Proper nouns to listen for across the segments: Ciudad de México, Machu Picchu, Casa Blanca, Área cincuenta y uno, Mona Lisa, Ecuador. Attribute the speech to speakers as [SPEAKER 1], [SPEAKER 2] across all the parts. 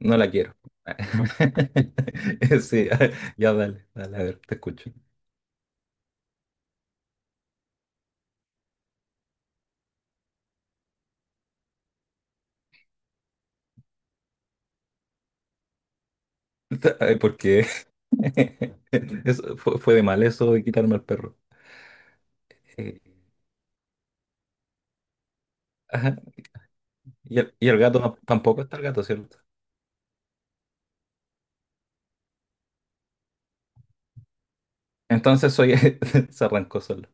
[SPEAKER 1] No la quiero. Sí, ya dale, dale, a ver, te escucho. Ay, porque eso fue de mal eso de quitarme al perro. Eh, ajá, Y el gato tampoco está el gato, ¿cierto? Entonces soy, se arrancó solo.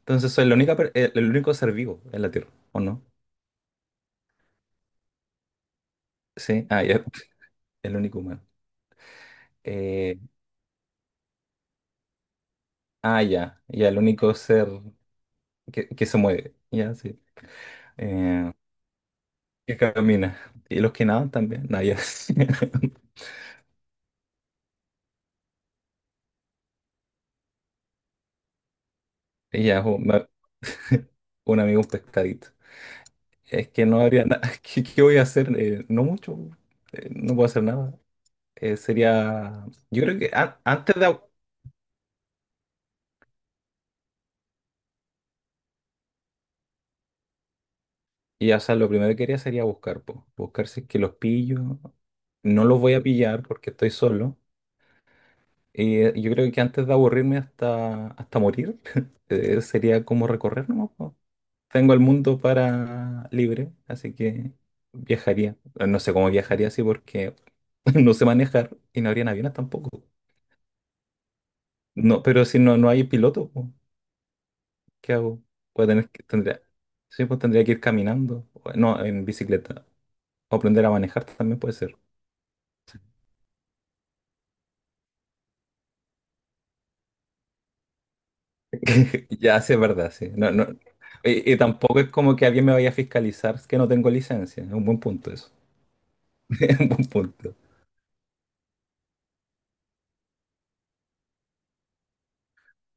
[SPEAKER 1] Entonces soy la el único ser vivo en la Tierra, ¿o no? Sí, ya, el único humano. Eh, ya, ya, el único ser que se mueve, ya, sí. Eh, que camina. Y los que nadan también, no, ya. Y ya, jo, un amigo, un pescadito. Es que no habría nada. ¿Qué voy a hacer? No mucho. No puedo hacer nada. Sería. Yo creo que antes y o sea, lo primero que haría sería buscar, po. Buscar si es que los pillo. No los voy a pillar porque estoy solo. Yo creo que antes de aburrirme hasta morir, sería como recorrer, ¿no? Tengo el mundo para libre, así que viajaría. No sé cómo viajaría así porque no sé manejar y no habrían aviones tampoco. No, pero si no, no hay piloto, po, ¿qué hago? Voy a tener sí, pues tendría que ir caminando, no, en bicicleta. O aprender a manejar también puede ser. Ya, sí, es verdad, sí. No, no. Y tampoco es como que alguien me vaya a fiscalizar que no tengo licencia. Es un buen punto eso. Es un buen punto.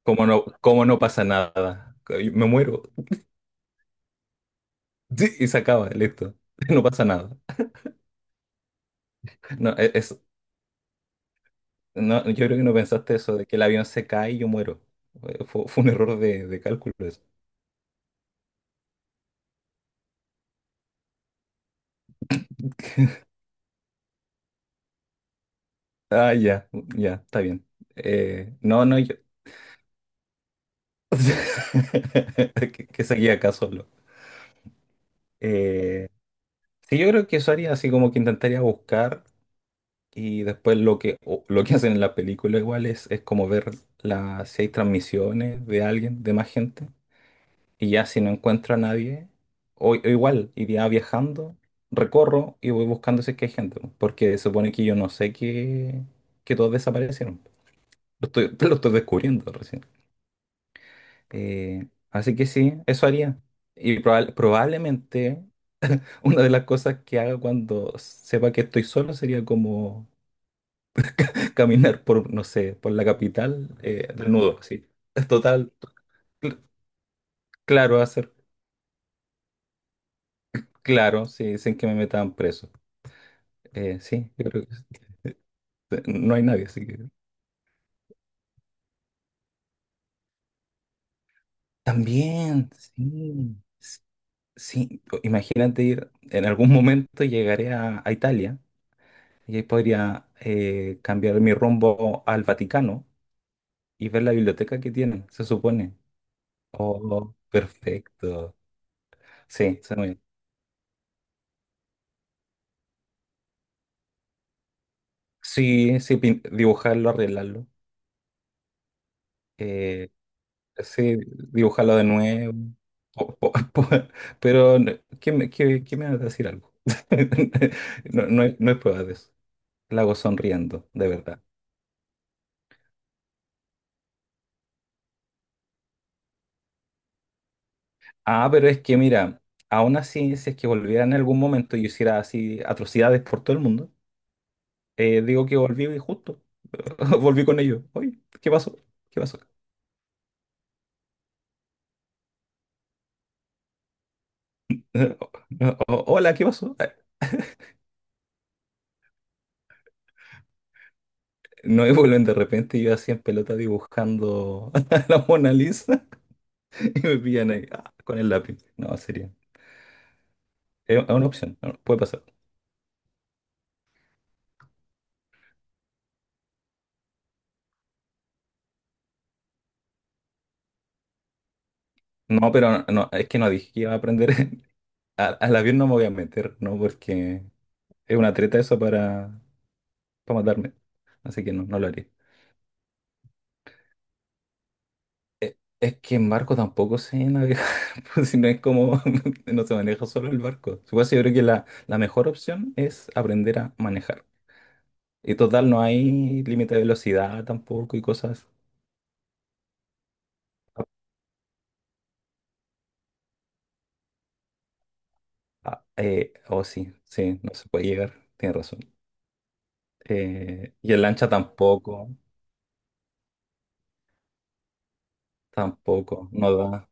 [SPEAKER 1] Como no pasa nada. Me muero. Sí, y se acaba, listo. No pasa nada. No, es, no, yo creo que no pensaste eso, de que el avión se cae y yo muero. Eh, fue un error de cálculo eso. Ah, ya, ya, está bien. No, no, yo. Que seguía acá solo. Eh, sí, yo creo que eso haría así como que intentaría buscar y después lo lo que hacen en la película igual es como ver las, si hay transmisiones de alguien, de más gente. Y ya si no encuentro a nadie, o igual iría viajando, recorro y voy buscando si es que hay gente, po, porque se supone que yo no sé que todos desaparecieron. Lo estoy, lo estoy descubriendo recién. Así que sí, eso haría. Y probablemente una de las cosas que haga cuando sepa que estoy solo sería como caminar por, no sé, por la capital desnudo, así. Es total, cl- claro, hacer, claro, sí, sin que me metan preso. Sí, yo creo que sí. No hay nadie, así que... También, sí. Sí, imagínate ir, en algún momento llegaré a Italia y ahí podría cambiar mi rumbo al Vaticano y ver la biblioteca que tienen, se supone. Oh, perfecto. Sí, suena bien. Sí, sí, dibujarlo, arreglarlo. eh, sí, dibujarlo de nuevo. Po- po- po- pero, ¿qué me, qué me va a decir algo? No, no hay, no hay pruebas de eso. La hago sonriendo, de verdad. Ah, pero es que mira, aún así, si es que volviera en algún momento y yo hiciera así atrocidades por todo el mundo, digo que volví y justo. Volví con ellos. Oye, ¿qué pasó? ¿Qué pasó? No, hola, ¿qué pasó? No, y vuelven de repente y yo así en pelota dibujando a la Mona Lisa y me pillan ahí ah, con el lápiz. No, sería. Es una opción, no, puede pasar. No, pero no, no, es que no dije que iba a aprender. Al avión no me voy a meter, ¿no? Porque es una treta eso para matarme. Así que no, no lo haré. Es que en barco tampoco sé navegar, pues si no es como, no se maneja solo el barco. Supongo que yo creo que la mejor opción es aprender a manejar. Y total, no hay límite de velocidad tampoco y cosas. Oh, sí, sí, no se puede llegar, tienes razón. Y en lancha tampoco, tampoco, no da.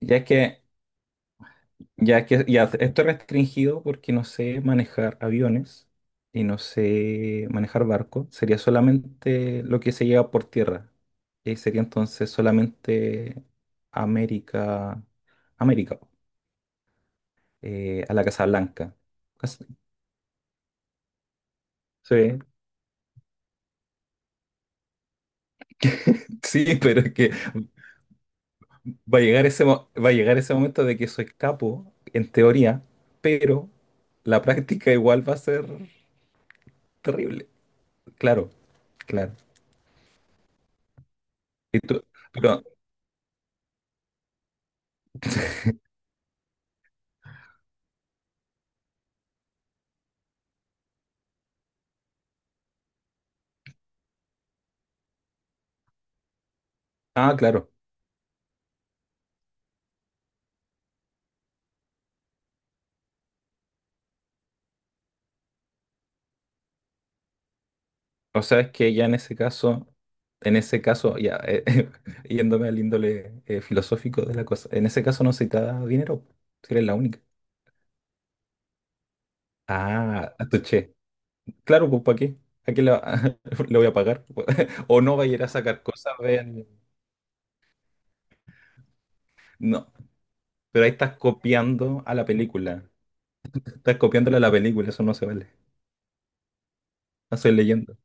[SPEAKER 1] Ya es que Ya que ya esto es restringido porque no sé manejar aviones y no sé manejar barcos. Sería solamente lo que se lleva por tierra. Y sería entonces solamente América, América, a la Casa Blanca. Cas- Sí, sí, pero es que va a llegar va a llegar ese momento de que soy capo, en teoría, pero la práctica igual va a ser terrible. Claro, claro. Y tú- pero- ah, claro. O sea, es que ya en ese caso, ya yéndome al índole filosófico de la cosa, en ese caso no se te dinero, si eres la única. Ah, a tu che. Claro, pues ¿para qué? ¿A qué le, le voy a pagar? O no va a ir a sacar cosas, vean. No, pero ahí estás copiando a la película. Estás copiándole a la película, eso no se vale. No soy leyendo.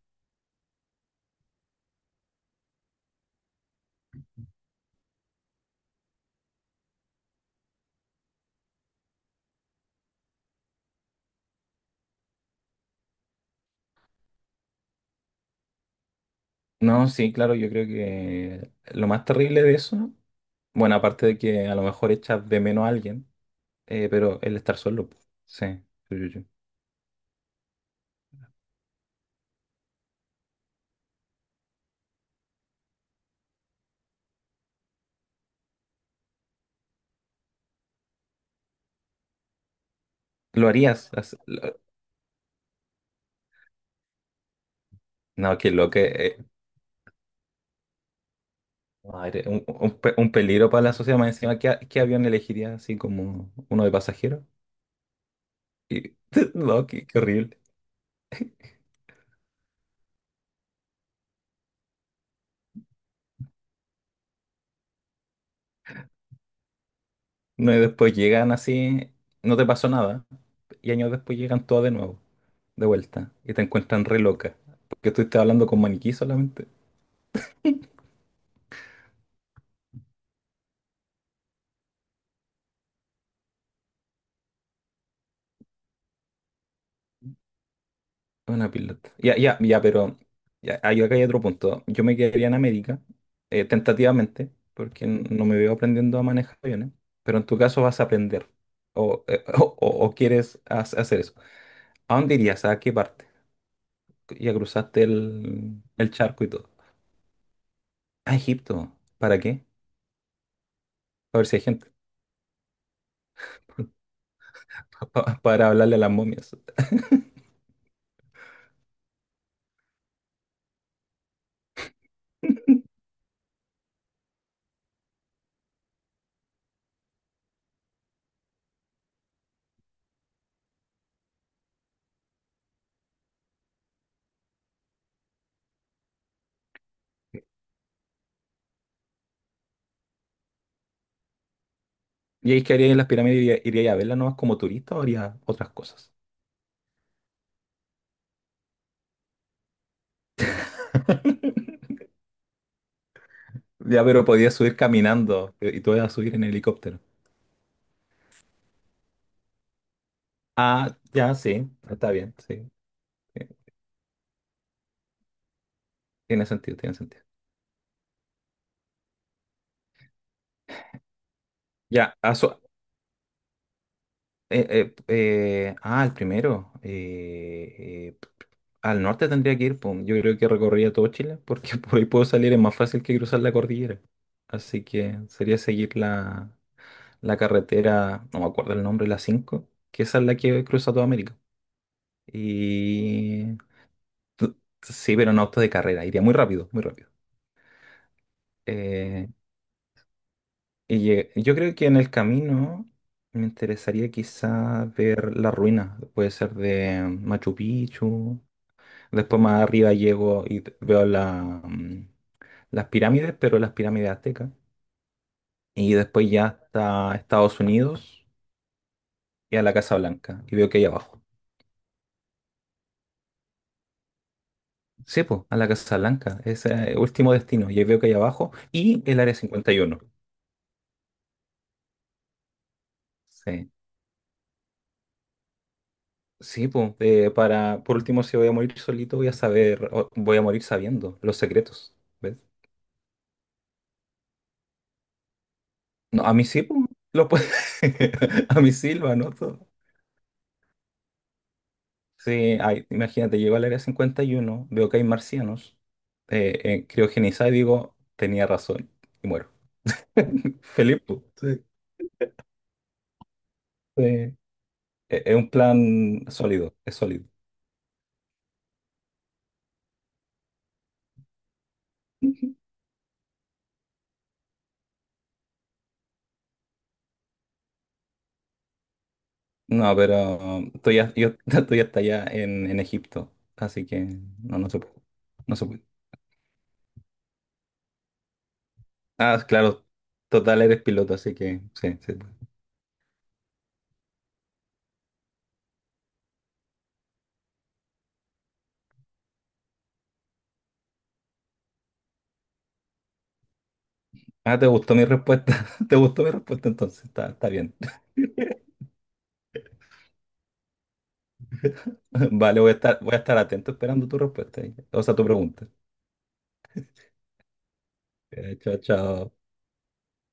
[SPEAKER 1] No, sí, claro, yo creo que lo más terrible de eso, bueno, aparte de que a lo mejor echas de menos a alguien. Pero el estar solo, pu. Sí. Sí, sí, sí. ¿Lo harías? No, que lo que... eh, madre, un un peligro para la sociedad más encima. ¿Qué, qué avión elegirías así como uno de pasajero? Y, no, qué, qué horrible. No, y después llegan así, no te pasó nada. Y años después llegan todas de nuevo, de vuelta. Y te encuentran re loca. Porque tú estás hablando con maniquí solamente. Una pilota. Ya, ya, ya, pero ya, ahí acá hay otro punto. Yo me quedaría en América, tentativamente, porque no me veo aprendiendo a manejar aviones, pero en tu caso vas a aprender o, o, o quieres hacer eso. ¿A dónde irías? ¿A qué parte? Ya cruzaste el charco y todo. A Egipto. ¿Para qué? Para ver si hay gente. Para hablarle a las momias. ¿Y ahí que harías en las pirámides? ¿Irías a verlas nomás como turista o harías otras cosas? Ya, pero podías subir caminando y tú ibas a subir en helicóptero. Ah, ya, sí, está bien, sí. Sí, tiene sentido, tiene sentido. Ya, ah, so- el primero. Al norte tendría que ir, pum. Yo creo que recorrería todo Chile, porque por ahí puedo salir, es más fácil que cruzar la cordillera. Así que sería seguir la carretera, no me acuerdo el nombre, la 5, que esa es la que cruza toda América. Y... t- Sí, pero en auto de carrera, iría muy rápido, muy rápido. Eh, yo creo que en el camino me interesaría quizá ver las ruinas, puede ser de Machu Picchu, después más arriba llego y veo la, las pirámides, pero las pirámides aztecas, y después ya hasta Estados Unidos y a la Casa Blanca, y veo que hay abajo. Sí, pues, a la Casa Blanca, ese es el último destino, y ahí veo que hay abajo, y el Área cincuenta y uno. Sí. Sí, pues, para, por último, si voy a morir solito, voy a saber, o voy a morir sabiendo los secretos, ¿ves? No, a mí sí, pues, lo puedo, a mí sí lo anoto. Sí, ay, imagínate, llego al área 51, veo que hay marcianos, criogenizada y digo, tenía razón, y muero. Feliz, po. Sí. Sí. Es un plan sólido, es sólido. Ujú. No, pero estoy, yo estoy hasta allá en Egipto, así que no, no se puede, no se puede. Ah, claro, total, eres piloto, así que sí, sí. Ah, ¿te gustó mi respuesta? ¿Te gustó mi respuesta entonces? Está, está bien. Vale, voy a estar atento esperando tu respuesta. O sea, tu pregunta. Chao, chao.